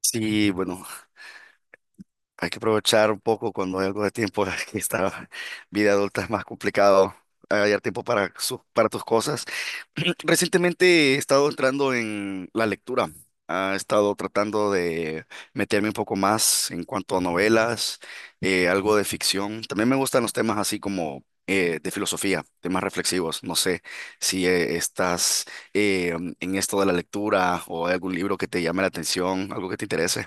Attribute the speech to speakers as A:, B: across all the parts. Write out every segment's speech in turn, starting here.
A: Sí, bueno, hay que aprovechar un poco cuando hay algo de tiempo, que esta vida adulta es más complicado hallar tiempo para, para tus cosas. Recientemente he estado entrando en la lectura, he estado tratando de meterme un poco más en cuanto a novelas, algo de ficción. También me gustan los temas así como de filosofía, temas reflexivos. No sé si estás eh, en esto de la lectura o hay algún libro que te llame la atención, algo que te interese.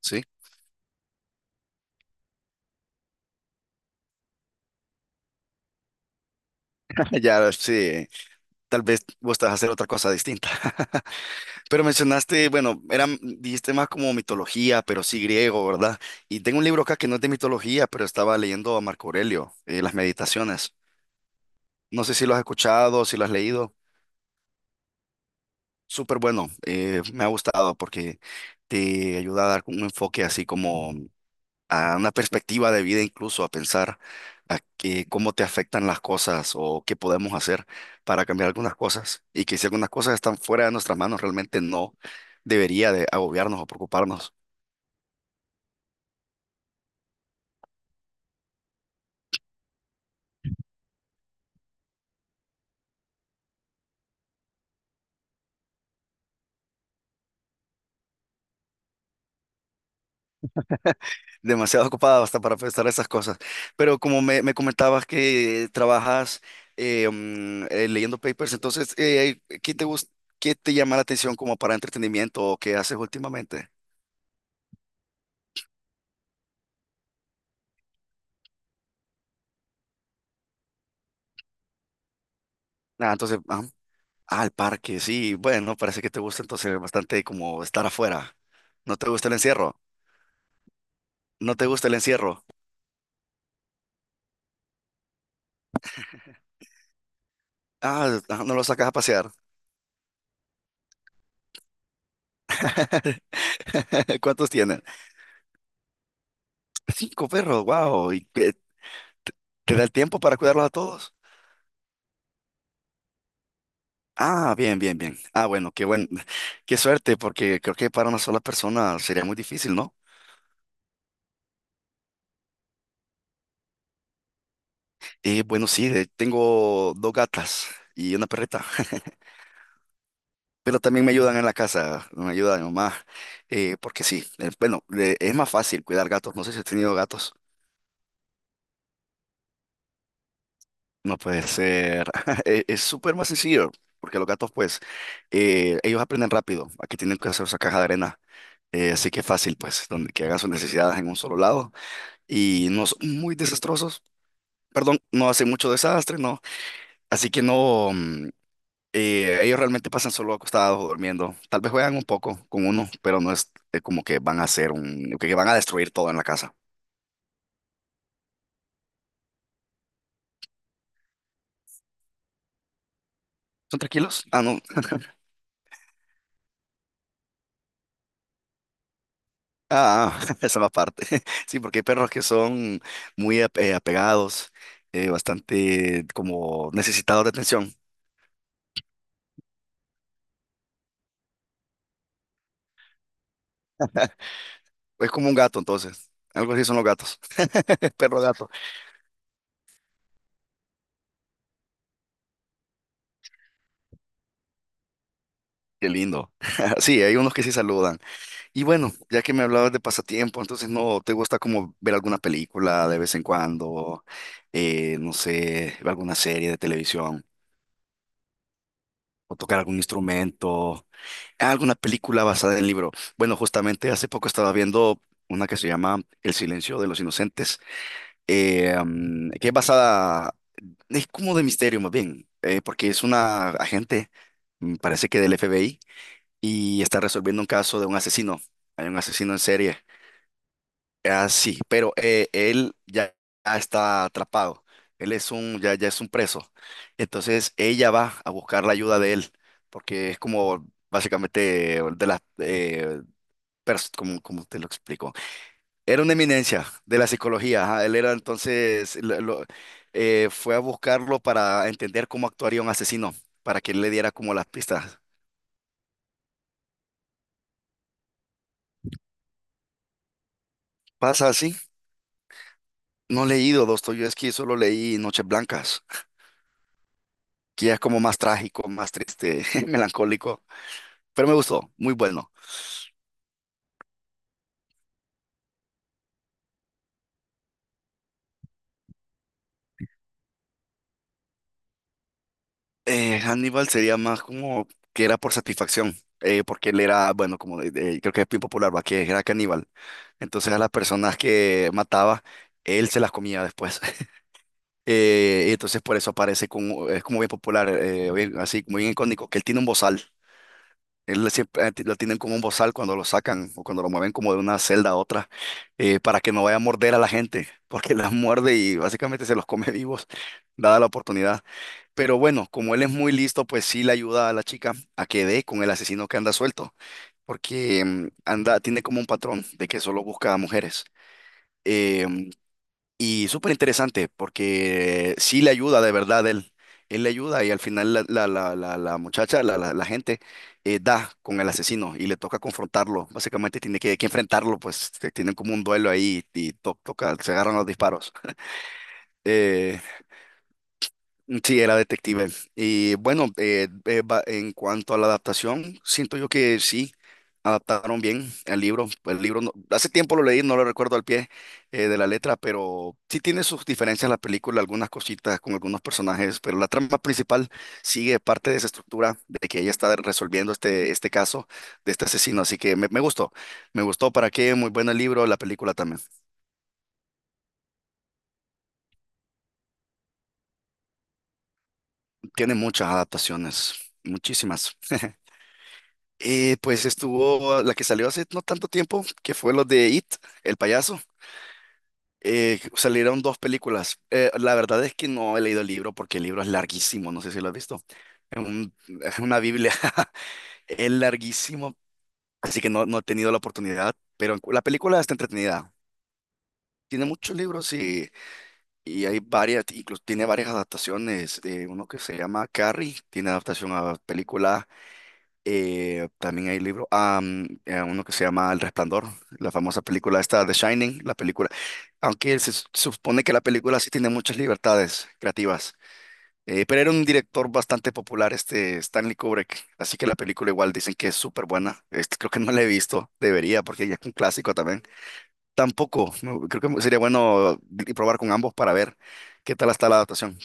A: ¿Sí? Ya, sí, tal vez vos te vas a hacer otra cosa distinta. Pero mencionaste, bueno, era, dijiste más como mitología, pero sí griego, ¿verdad? Y tengo un libro acá que no es de mitología, pero estaba leyendo a Marco Aurelio, Las Meditaciones. No sé si lo has escuchado, si lo has leído. Súper bueno, me ha gustado porque te ayuda a dar un enfoque así como a una perspectiva de vida incluso, a pensar cómo te afectan las cosas o qué podemos hacer para cambiar algunas cosas y que si algunas cosas están fuera de nuestras manos, realmente no debería de agobiarnos o preocuparnos. Demasiado ocupado hasta para pensar esas cosas. Pero como me comentabas que trabajas, leyendo papers, entonces, ¿Qué te llama la atención como para entretenimiento o qué haces últimamente? Ah, entonces, ajá. Al parque, sí. Bueno, parece que te gusta entonces bastante como estar afuera. ¿No te gusta el encierro? ¿No te gusta el encierro? Ah, ah, no lo sacas a pasear. ¿Cuántos tienen? Cinco perros, wow. ¿Y te da el tiempo para cuidarlos a todos? Ah, bien, bien, bien. Ah, bueno, qué buen, qué suerte, porque creo que para una sola persona sería muy difícil, ¿no? Bueno, sí, tengo dos gatas y una perrita. Pero también me ayudan en la casa, me ayuda mi mamá, porque sí, bueno, es más fácil cuidar gatos, no sé si has tenido gatos. No puede ser, es súper más sencillo, porque los gatos pues, ellos aprenden rápido, aquí tienen que hacer esa caja de arena, así que fácil pues, donde que hagan sus necesidades en un solo lado, y no son muy desastrosos. Perdón, no hacen mucho desastre. No, así que no. Ellos realmente pasan solo acostados o durmiendo. Tal vez juegan un poco con uno, pero no es, como que van a hacer un, que van a destruir todo en la casa. ¿Son tranquilos? Ah, no. Ah, esa va aparte. Sí, porque hay perros que son muy apegados, bastante como necesitados de atención. Es como un gato, entonces. Algo así son los gatos. Perro gato. Qué lindo. Sí, hay unos que sí saludan. Y bueno, ya que me hablabas de pasatiempo, entonces no te gusta como ver alguna película de vez en cuando. No sé, ver alguna serie de televisión o tocar algún instrumento. Ah, alguna película basada en libro. Bueno, justamente hace poco estaba viendo una que se llama El silencio de los inocentes, que es basada, es como de misterio más bien, porque es una agente, parece que del FBI, y está resolviendo un caso de un asesino. Hay un asesino en serie. Ah, sí, pero él ya está atrapado. Él es un, ya, ya es un preso. Entonces ella va a buscar la ayuda de él, porque es como básicamente de las, como, como te lo explico. Era una eminencia de la psicología, ajá. Él era entonces, fue a buscarlo para entender cómo actuaría un asesino, para que él le diera como las pistas. ¿Pasa así? No he leído Dostoyevski, solo leí Noches Blancas, que ya es como más trágico, más triste, melancólico, pero me gustó, muy bueno. Hannibal sería más como que era por satisfacción, porque él era, bueno, como creo que es bien popular, va, que era caníbal. Entonces a las personas que mataba, él se las comía después. Y entonces por eso aparece como, es como bien popular, así, muy bien icónico, que él tiene un bozal. Él siempre lo tienen como un bozal cuando lo sacan o cuando lo mueven como de una celda a otra, para que no vaya a morder a la gente, porque las muerde y básicamente se los come vivos, dada la oportunidad. Pero bueno, como él es muy listo, pues sí le ayuda a la chica a que dé con el asesino que anda suelto, porque anda, tiene como un patrón de que solo busca a mujeres. Em, y súper interesante, porque sí le ayuda de verdad él. Él le ayuda y al final la muchacha, la gente, da con el asesino y le toca confrontarlo. Básicamente tiene que enfrentarlo, pues tienen como un duelo ahí y toca, se agarran los disparos. Eh, Sí, era detective. Y bueno, en cuanto a la adaptación, siento yo que sí, adaptaron bien el libro. El libro, hace tiempo lo leí, no lo recuerdo al pie, de la letra, pero sí tiene sus diferencias la película, algunas cositas con algunos personajes, pero la trama principal sigue parte de esa estructura de que ella está resolviendo este caso de este asesino. Así que me gustó, me gustó para qué, muy buen el libro, la película también. Tiene muchas adaptaciones, muchísimas. Pues estuvo la que salió hace no tanto tiempo, que fue lo de It, el payaso. Salieron dos películas. La verdad es que no he leído el libro porque el libro es larguísimo, no sé si lo has visto. Es un- es una Biblia, es larguísimo, así que no, no he tenido la oportunidad, pero la película está entretenida. Tiene muchos libros y hay varias, incluso tiene varias adaptaciones. Uno que se llama Carrie, tiene adaptación a película. También hay libros, uno que se llama El Resplandor, la famosa película esta, The Shining, la película, aunque supone que la película sí tiene muchas libertades creativas, pero era un director bastante popular, este Stanley Kubrick, así que la película igual dicen que es súper buena, este, creo que no la he visto, debería, porque ya es un clásico también. Tampoco, no, creo que sería bueno probar con ambos para ver qué tal está la adaptación.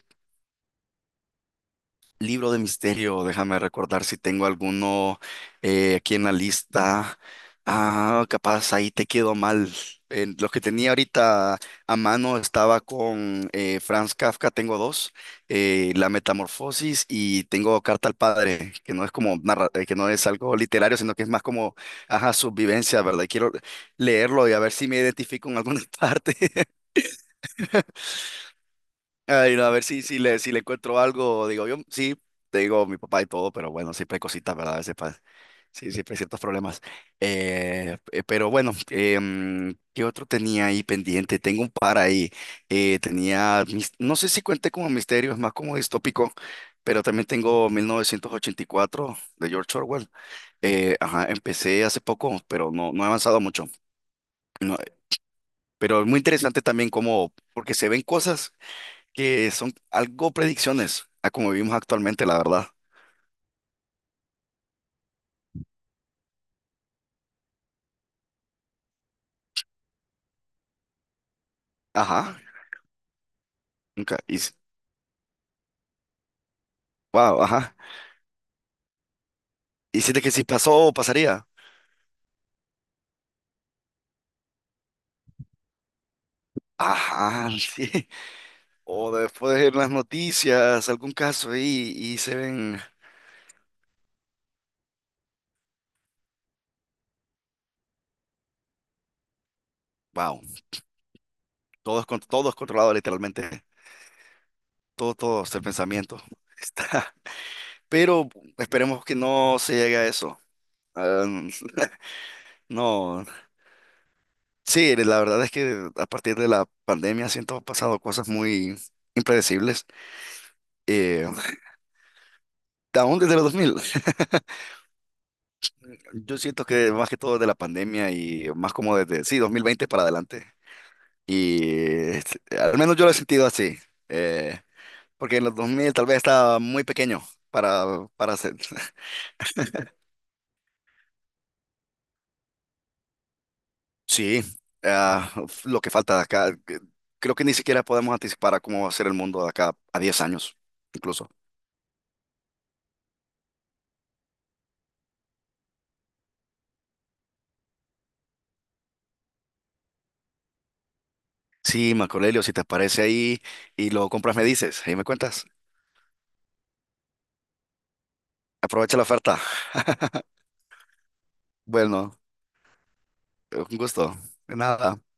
A: Libro de misterio, déjame recordar si tengo alguno, aquí en la lista. Ah, capaz ahí te quedó mal. En los que tenía ahorita a mano estaba con, Franz Kafka, tengo dos, La Metamorfosis y tengo Carta al Padre, que no es como que no es algo literario, sino que es más como, ajá, su vivencia, ¿verdad? Y quiero leerlo y a ver si me identifico en alguna parte. Ay, no, a ver si le encuentro algo, digo yo, sí, te digo mi papá y todo, pero bueno, siempre hay cositas, ¿verdad? A veces sí, siempre hay ciertos problemas. Pero bueno, ¿qué otro tenía ahí pendiente? Tengo un par ahí. Tenía, no sé si cuente como misterio, es más como distópico, pero también tengo 1984 de George Orwell. Ajá, empecé hace poco, pero no, no he avanzado mucho. No, pero es muy interesante también como, porque se ven cosas que son algo predicciones a como vivimos actualmente, la verdad. Ajá, nunca. Y, wow, ajá. Y hiciste que si pasó pasaría. Ajá, sí. O después de las noticias, algún caso ahí y se ven. Wow, todo es, todo es controlado literalmente. Todo es el pensamiento. Está. Pero esperemos que no se llegue a eso. Ah, no. Sí, la verdad es que a partir de la pandemia siento han pasado cosas muy impredecibles. Eh, Aún desde los 2000. Yo siento que más que todo de la pandemia y más como desde, sí, 2020 para adelante. Y este, al menos yo lo he sentido así. eh, Porque en los 2000 tal vez estaba muy pequeño para, hacer. Sí, ah, lo que falta de acá, creo que ni siquiera podemos anticipar a cómo va a ser el mundo de acá a 10 años, incluso. Sí, Marco, si te aparece ahí y lo compras, me dices, ahí me cuentas. Aprovecha la oferta. Bueno, un gusto. De nada.